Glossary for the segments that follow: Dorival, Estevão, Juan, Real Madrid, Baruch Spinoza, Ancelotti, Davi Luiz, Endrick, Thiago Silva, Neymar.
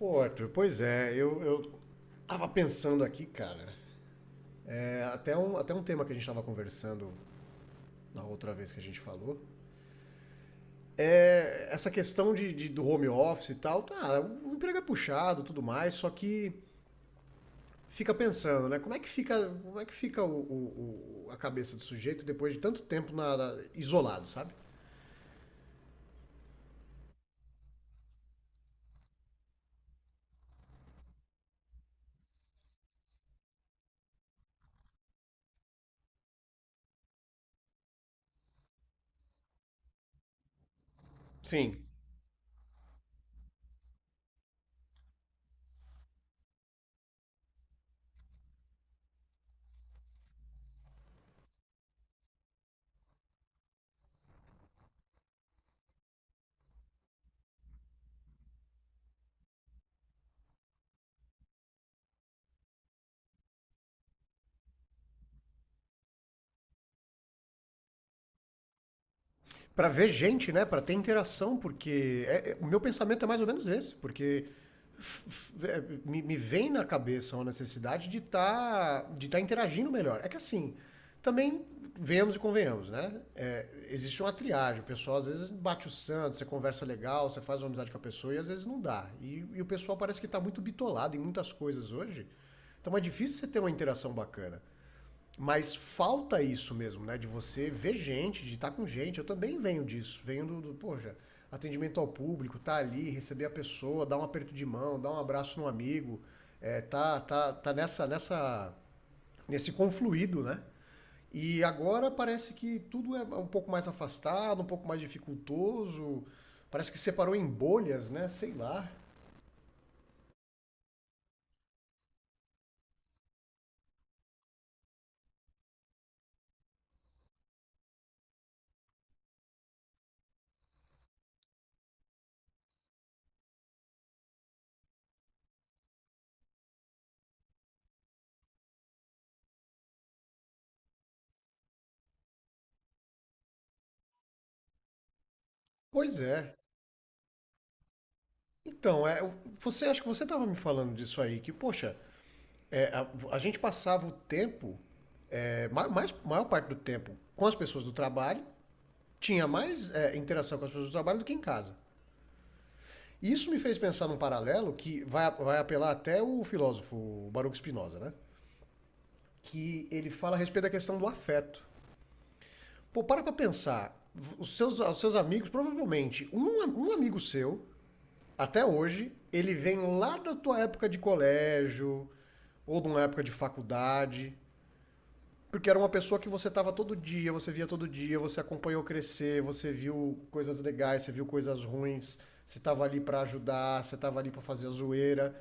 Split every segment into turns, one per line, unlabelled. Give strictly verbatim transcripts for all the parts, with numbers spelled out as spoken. Pô, Arthur, pois é, eu, eu tava pensando aqui, cara, é, até, um, até um tema que a gente tava conversando na outra vez que a gente falou, é essa questão de, de- do home office e tal, tá, o emprego é puxado e tudo mais, só que fica pensando, né, como é que fica, como é que fica o, o- o- a cabeça do sujeito depois de tanto tempo na- na- isolado, sabe? Sim. Pra ver gente, né? Pra ter interação, porque é- é- o meu pensamento é mais ou menos esse, porque É, me, me vem na cabeça uma necessidade de estar de tá interagindo melhor. É que assim, também venhamos e convenhamos, né? É, existe uma triagem. O pessoal às vezes bate o santo, você conversa legal, você faz uma amizade com a pessoa e às vezes não dá. E, e o pessoal parece que está muito bitolado em muitas coisas hoje. Então é difícil você ter uma interação bacana. Mas falta isso mesmo, né? De você ver gente, de estar com gente. Eu também venho disso. Venho do, do poxa, atendimento ao público, tá ali, receber a pessoa, dar um aperto de mão, dar um abraço no amigo. É, tá, tá, tá nessa, nessa, nesse confluído, né? E agora parece que tudo é um pouco mais afastado, um pouco mais dificultoso. Parece que separou em bolhas, né? Sei lá. Pois é. Então, é, você acha que você estava me falando disso aí, que, poxa, é, a, a gente passava o tempo é, mais, maior parte do tempo com as pessoas do trabalho, tinha mais é, interação com as pessoas do trabalho do que em casa. Isso me fez pensar num paralelo que vai, vai apelar até o filósofo Baruch Spinoza, né? Que ele fala a respeito da questão do afeto. Pô, para pra pensar. Os seus, os seus amigos, provavelmente, um, um amigo seu, até hoje, ele vem lá da tua época de colégio, ou de uma época de faculdade, porque era uma pessoa que você estava todo dia, você via todo dia, você acompanhou crescer, você viu coisas legais, você viu coisas ruins, você estava ali para ajudar, você estava ali para fazer a zoeira.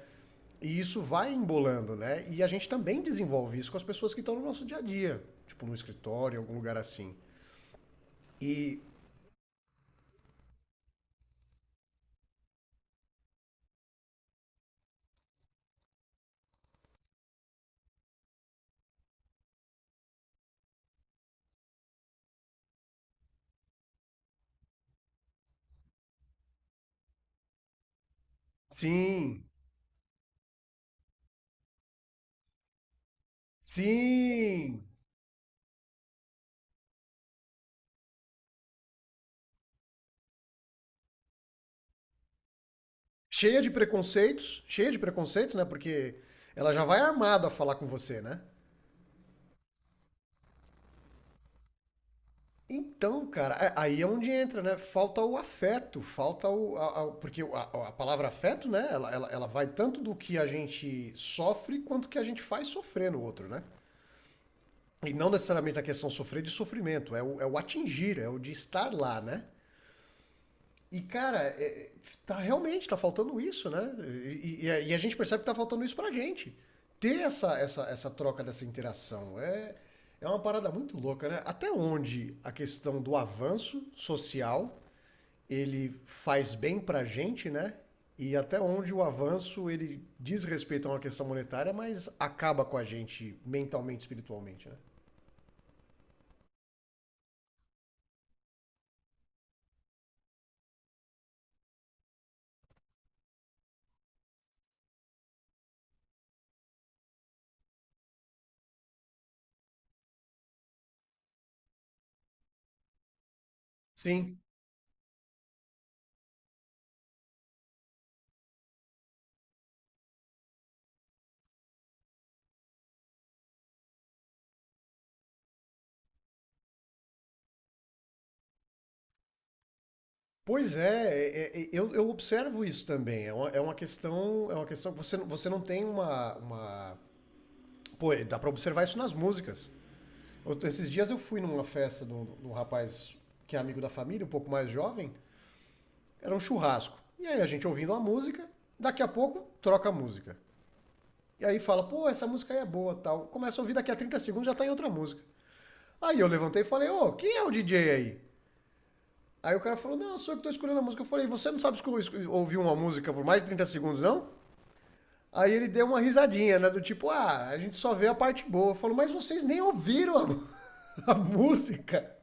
E isso vai embolando, né? E a gente também desenvolve isso com as pessoas que estão no nosso dia a dia, tipo no escritório, em algum lugar assim. E sim, sim, cheia de preconceitos, cheia de preconceitos, né? Porque ela já vai armada a falar com você, né? Então, cara, a- aí é onde entra, né? Falta o afeto, falta o. a- a- porque a, a palavra afeto, né? Ela, ela, ela vai tanto do que a gente sofre quanto que a gente faz sofrer no outro, né? E não necessariamente a questão sofrer de sofrimento, é o, é o atingir, é o de estar lá, né? E, cara, é- tá realmente, tá faltando isso, né? E, e- e a e a gente percebe que tá faltando isso pra gente. Ter essa, essa, essa troca, dessa interação. É, é uma parada muito louca, né? Até onde a questão do avanço social ele faz bem para a gente, né? E até onde o avanço ele diz respeito a uma questão monetária, mas acaba com a gente mentalmente, espiritualmente, né? Sim. Pois é, é- é- é, eu, eu observo isso também. É uma, é uma questão, é uma questão. Você, não- você não tem uma, uma... Pô, dá pra observar isso nas músicas. Outro- esses dias eu fui numa festa de um, de um rapaz que é amigo da família, um pouco mais jovem. Era um churrasco. E aí a gente ouvindo a música, daqui a pouco troca a música. E aí fala, pô, essa música aí é boa tal. Começa a ouvir, daqui a trinta segundos já tá em outra música. Aí eu levantei e falei, ô, quem é o D J aí? Aí o cara falou, não, sou eu que tô escolhendo a música. Eu falei, você não sabe esco- ouvir uma música por mais de trinta segundos, não? Aí ele deu uma risadinha, né? Do tipo, ah, a gente só vê a parte boa. Eu falo, mas vocês nem ouviram a, a música.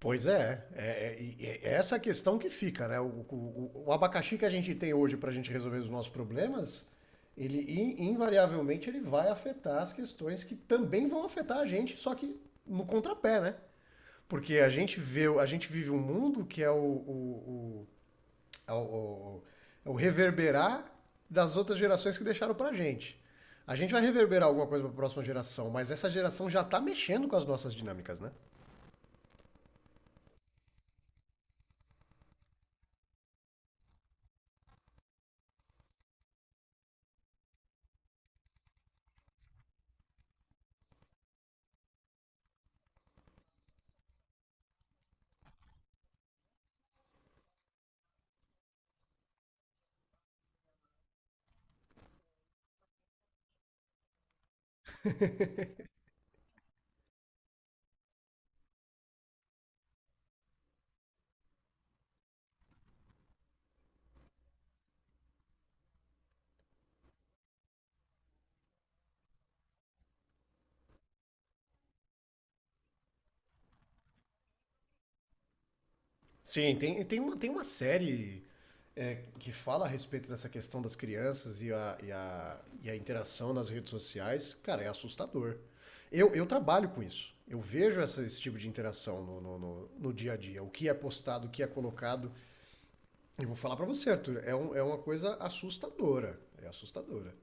Pois é, é, é- é essa a questão que fica, né? O, o- o abacaxi que a gente tem hoje para a gente resolver os nossos problemas, ele in- invariavelmente ele vai afetar as questões que também vão afetar a gente, só que no contrapé, né? Porque a gente vê, a gente vive um mundo que é o, o- o- é o- o- é o reverberar das outras gerações que deixaram pra gente. A gente vai reverberar alguma coisa para a próxima geração, mas essa geração já tá mexendo com as nossas dinâmicas, né? Sim, tem, tem, uma, tem uma série é, que fala a respeito dessa questão das crianças e a, e a, e a interação nas redes sociais, cara, é assustador. Eu, eu trabalho com isso. Eu vejo essa, esse tipo de interação no, no, no, no dia a dia. O que é postado, o que é colocado. E vou falar pra você, Arthur, é, um- é uma coisa assustadora. É assustadora.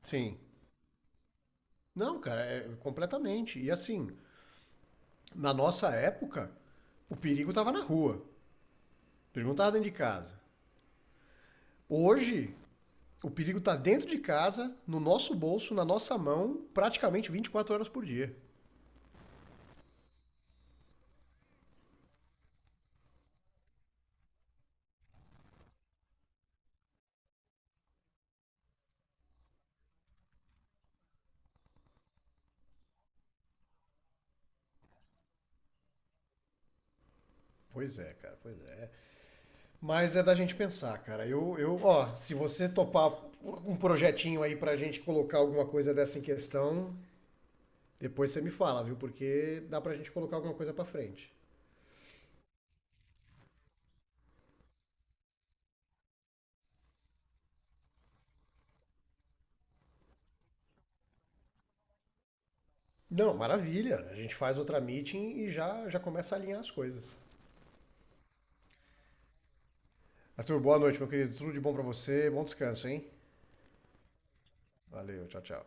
Sim. Não, cara, é completamente. E assim, na nossa época, o perigo tava na rua. O perigo não tava dentro de casa. Hoje, o perigo está dentro de casa, no nosso bolso, na nossa mão, praticamente vinte e quatro horas por dia. Pois é, cara, pois é. Mas é da gente pensar, cara. Eu, eu, ó, se você topar um projetinho aí pra gente colocar alguma coisa dessa em questão, depois você me fala, viu? Porque dá pra gente colocar alguma coisa pra frente. Não, maravilha. A gente faz outra meeting e já, já começa a alinhar as coisas. Arthur, boa noite, meu querido. Tudo de bom pra você. Bom descanso, hein? Valeu, tchau, tchau.